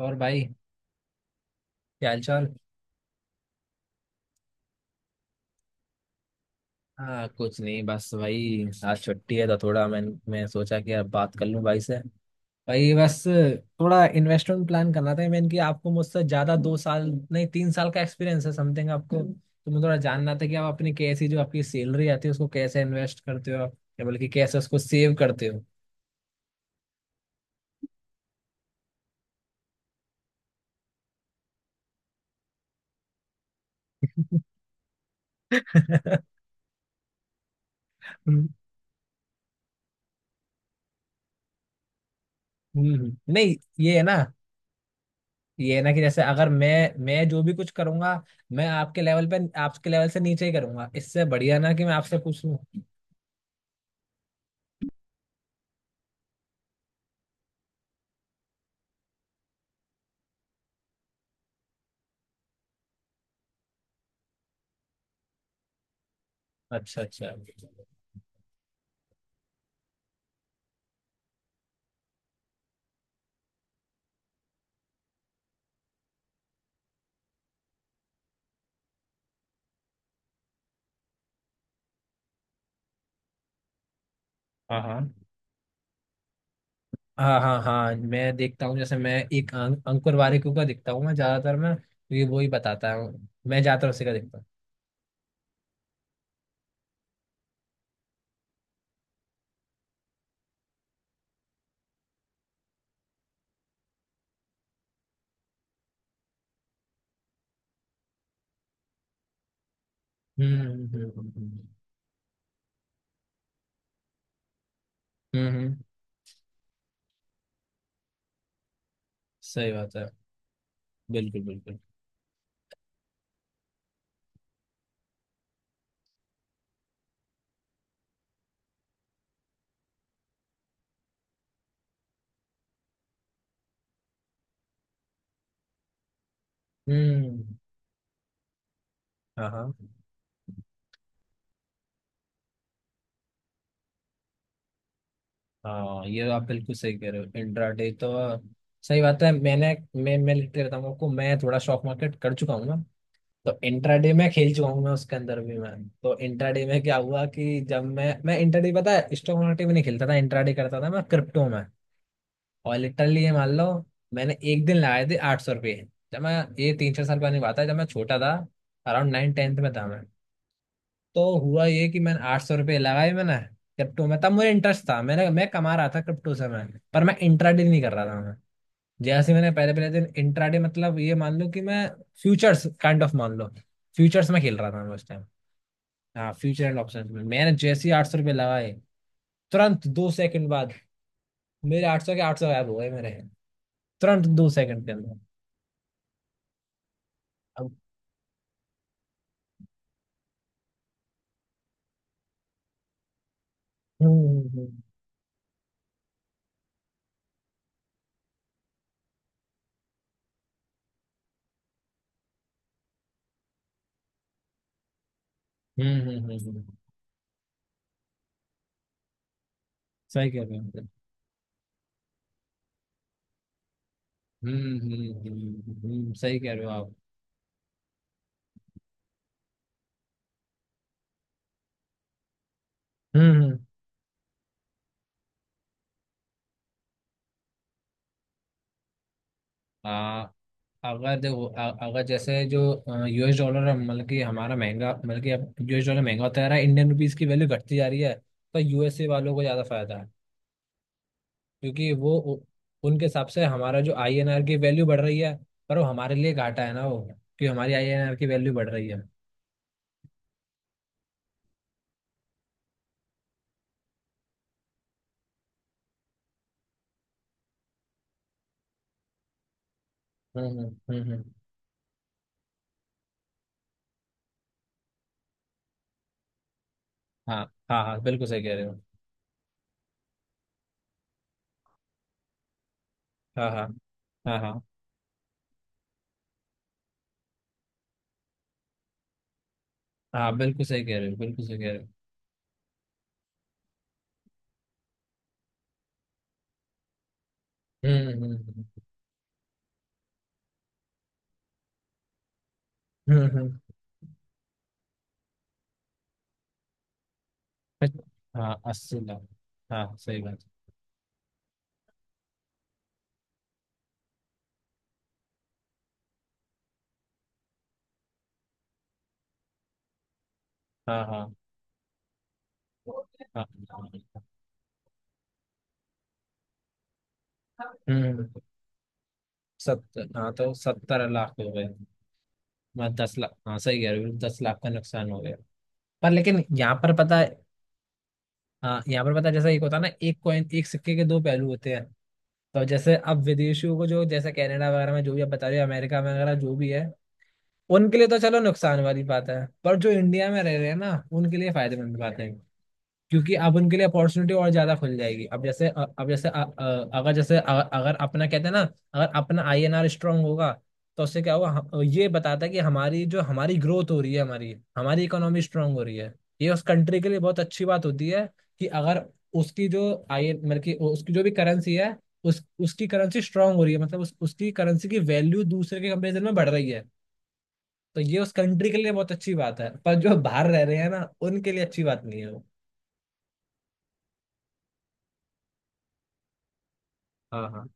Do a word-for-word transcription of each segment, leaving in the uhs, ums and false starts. और भाई। क्या हाल चाल। हाँ कुछ नहीं बस भाई, आज छुट्टी है तो थोड़ा मैं मैं सोचा कि अब बात कर लूं भाई से। भाई बस थोड़ा इन्वेस्टमेंट प्लान करना था मैंने, कि आपको मुझसे ज़्यादा दो साल नहीं तीन साल का एक्सपीरियंस है समथिंग, आपको तो मैं थोड़ा जानना था कि आप अपनी कैसी, जो आपकी सैलरी आती है उसको कैसे इन्वेस्ट करते हो आप, या बल्कि कैसे उसको सेव करते हो। हम्म, हम्म, नहीं। ये है ना, ये है ना, कि जैसे अगर मैं मैं जो भी कुछ करूंगा मैं आपके लेवल पे आपके लेवल से नीचे ही करूंगा, इससे बढ़िया ना कि मैं आपसे पूछ लूं। अच्छा अच्छा। हाँ हाँ हाँ हाँ। हाँ मैं देखता हूँ, जैसे मैं एक अं, अंकुर वारिक का देखता हूँ, मैं ज्यादातर मैं क्योंकि वो ही बताता हूँ, मैं ज्यादातर उसी का देखता हूँ। हम्म हम्म हम्म हम्म हम्म, हम्म, सही बात है। बिल्कुल बिल्कुल। हम्म। हाँ हाँ। हाँ ये आप बिल्कुल सही कह रहे हो, इंट्राडे तो अ, सही बात है। मैंने मैं मैं लिखते रहता हूँ आपको, मैं थोड़ा स्टॉक मार्केट कर चुका हूँ ना, तो इंट्राडे में खेल चुका हूँ मैं उसके अंदर भी मैं। तो इंट्राडे में क्या हुआ कि जब मैं मैं इंट्राडे पता है स्टॉक मार्केट में नहीं खेलता था, इंट्राडे करता था मैं क्रिप्टो में, और लिटरली ये मान लो मैंने एक दिन लगाए थे आठ सौ रुपये। जब मैं, ये तीन चार साल पहले की बात है, जब मैं छोटा था, अराउंड नाइन टेंथ में था मैं। तो हुआ ये कि मैंने आठ सौ रुपये लगाए मैंने क्रिप्टो में, तब मुझे इंटरेस्ट था, मैंने मैं कमा रहा था क्रिप्टो से मैं, पर मैं इंट्राडे नहीं कर रहा था मैं, जैसे मैंने पहले पहले दिन इंट्राडे मतलब ये मान लो कि मैं फ्यूचर्स काइंड ऑफ मान लो, फ्यूचर्स में खेल रहा था मैं उस टाइम। हाँ फ्यूचर एंड ऑप्शन में मैंने जैसे ही आठ सौ रुपये लगाए, तुरंत दो सेकंड बाद मेरे आठ सौ के आठ सौ गायब हो गए मेरे, तुरंत दो सेकंड के अंदर। अब, हम्म हम्म हम्म हम्म, हम्म, हम्म, हम्म। सही कह रहे हो आप। हम्म हम्म हम्म, हम्म, हम्म, सही कह रहे हो आप। हम्म हम्म। आ, अगर देखो अ- अगर जैसे जो यूएस डॉलर मतलब कि हमारा महंगा, मतलब कि अब यूएस डॉलर महंगा होता जा रहा है, इंडियन रुपीस की वैल्यू घटती जा रही है, तो यूएसए वालों को ज़्यादा फायदा है, क्योंकि वो उ- उनके हिसाब से हमारा जो आईएनआर की वैल्यू बढ़ रही है, पर वो हमारे लिए घाटा है ना वो, कि हमारी आईएनआर की वैल्यू बढ़ रही है। हम्म हम्म हम्म हम्म। हाँ हाँ हाँ बिल्कुल सही कह रहे हो। हाँ हाँ हाँ हाँ हाँ बिल्कुल सही कह रहे हो, बिल्कुल सही कह रहे हो। हम्म हम्म हम्म हम्म, हम्म। हाँ अस्सी लाख। हाँ सही बात। हाँ हाँ। हाँ, हम्म। सत्तर। हाँ तो सत्तर लाख हो गए। मैं दस लाख। हाँ सही कह रहे हो, दस लाख का नुकसान हो गया। पर लेकिन यहाँ पर पता है। हाँ यहाँ पर पता है, जैसा एक होता है ना, एक कॉइन, एक सिक्के के दो पहलू होते हैं। तो जैसे अब विदेशियों को, जो जैसे कनाडा वगैरह में जो भी आप बता रहे हो, अमेरिका में वगैरह जो भी है, उनके लिए तो चलो नुकसान वाली बात है, पर जो इंडिया में रह रहे हैं ना उनके लिए फायदेमंद बात है, क्योंकि अब उनके लिए अपॉर्चुनिटी और ज्यादा खुल जाएगी। अब जैसे अ- अब जैसे अ- अ- अगर जैसे अ- अगर अपना कहते हैं ना, अगर अपना आईएनआर स्ट्रांग होगा तो उससे क्या होगा, हम- ये बताता है कि हमारी जो हमारी ग्रोथ हो रही है हमारी, हमारी इकोनॉमी स्ट्रांग हो रही है, ये उस कंट्री के लिए बहुत अच्छी बात होती है। कि अगर उसकी जो आई मतलब कि उसकी जो भी करेंसी है, उस उसकी करेंसी स्ट्रांग हो रही है, मतलब उस, उसकी करेंसी की वैल्यू दूसरे के कंपेरिजन में बढ़ रही है, तो ये उस कंट्री के लिए बहुत अच्छी बात है, पर जो बाहर रह रहे हैं ना उनके लिए अच्छी बात नहीं है वो। हाँ हाँ।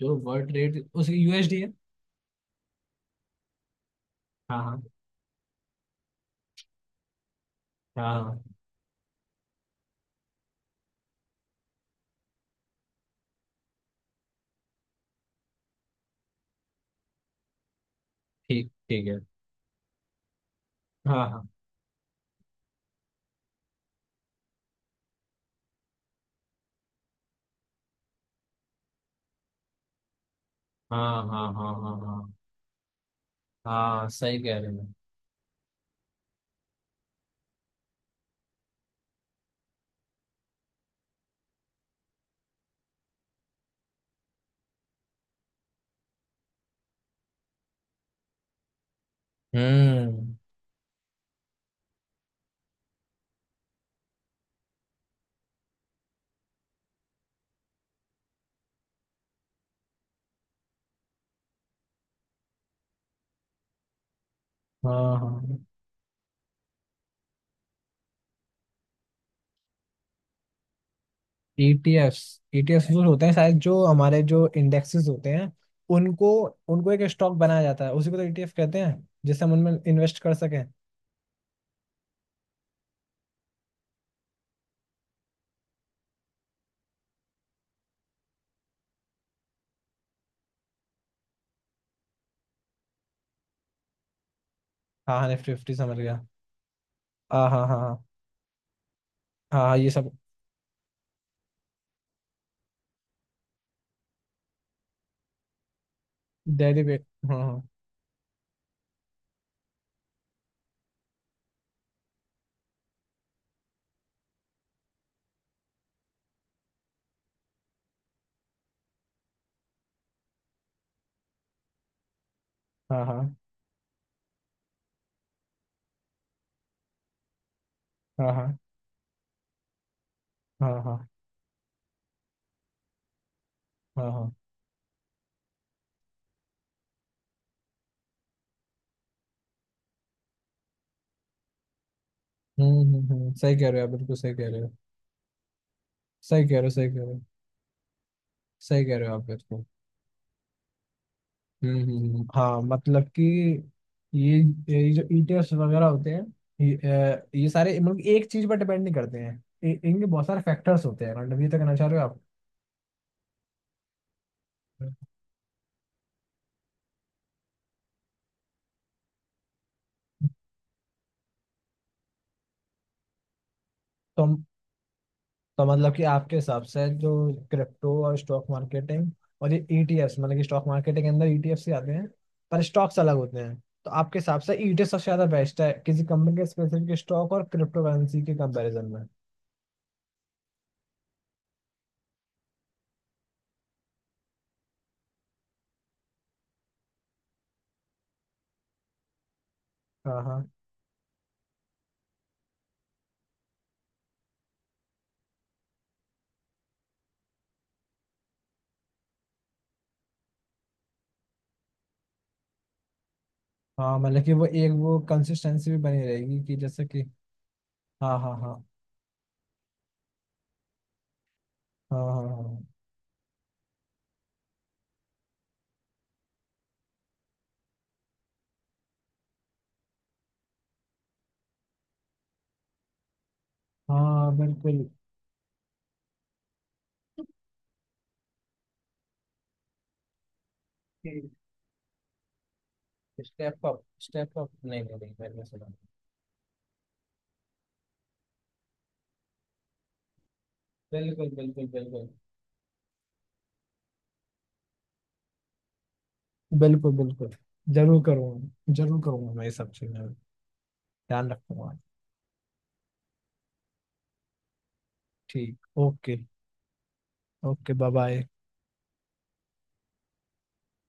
जो वर्ल्ड रेट उस यूएसडी है। हाँ हाँ हाँ। ठीक, ठीक है। हाँ हाँ हाँ हाँ हाँ हाँ हाँ। हाँ सही कह रहे हैं। हम्म। हाँ हाँ। E T Fs। E T Fs जो होते हैं शायद, जो हमारे जो इंडेक्सेस होते हैं उनको, उनको एक स्टॉक बनाया जाता है, उसी को तो E T F कहते हैं, जिससे हम उनमें इन्वेस्ट कर सकें। हाँ हाँ निफ्टी फिफ्टी समझ गया। हाँ हाँ हाँ हाँ। हाँ हाँ, ये सब। डेली पे। हाँ। हाँ हाँ हाँ हाँ हाँ हाँ हाँ हाँ हाँ। हम्म हम्म हम्म, सही कह रहे हो आप, बिल्कुल सही कह रहे हो। सही कह रहे हो। सही कह रहे हो। सही कह रहे हो आप बिल्कुल। हम्म हम्म हम्म। हाँ मतलब कि ये ये जो E T Fs वगैरह होते हैं, ये अ, ये सारे मतलब एक चीज पर डिपेंड नहीं करते हैं, इ- इनके बहुत सारे फैक्टर्स होते हैं, मतलब ये तो कहना चाह रहे हो आप। तो तो मतलब कि आपके हिसाब से जो क्रिप्टो और स्टॉक मार्केटिंग और ये ईटीएफ्स मतलब कि स्टॉक मार्केट के अंदर ईटीएफ्स ही आते हैं, पर स्टॉक्स अलग होते हैं, तो आपके हिसाब से ईटीएफ सबसे ज्यादा बेस्ट है किसी कंपनी के स्पेसिफिक स्टॉक और क्रिप्टो करेंसी के कंपैरिजन में। हाँ हाँ हाँ मतलब कि वो एक वो कंसिस्टेंसी भी बनी रहेगी, कि जैसे कि। हाँ हाँ हाँ हाँ हाँ हाँ हाँ बिल्कुल। Step up. स्टेप अप नहीं नहीं नहीं मैंने सुना। बिल्कुल बिल्कुल बिल्कुल बिल्कुल बिल्कुल। जरूर करूँगा जरूर करूँगा मैं ये सब चीज़ें ध्यान रखूंगा। ठीक ओके। Okay bye bye.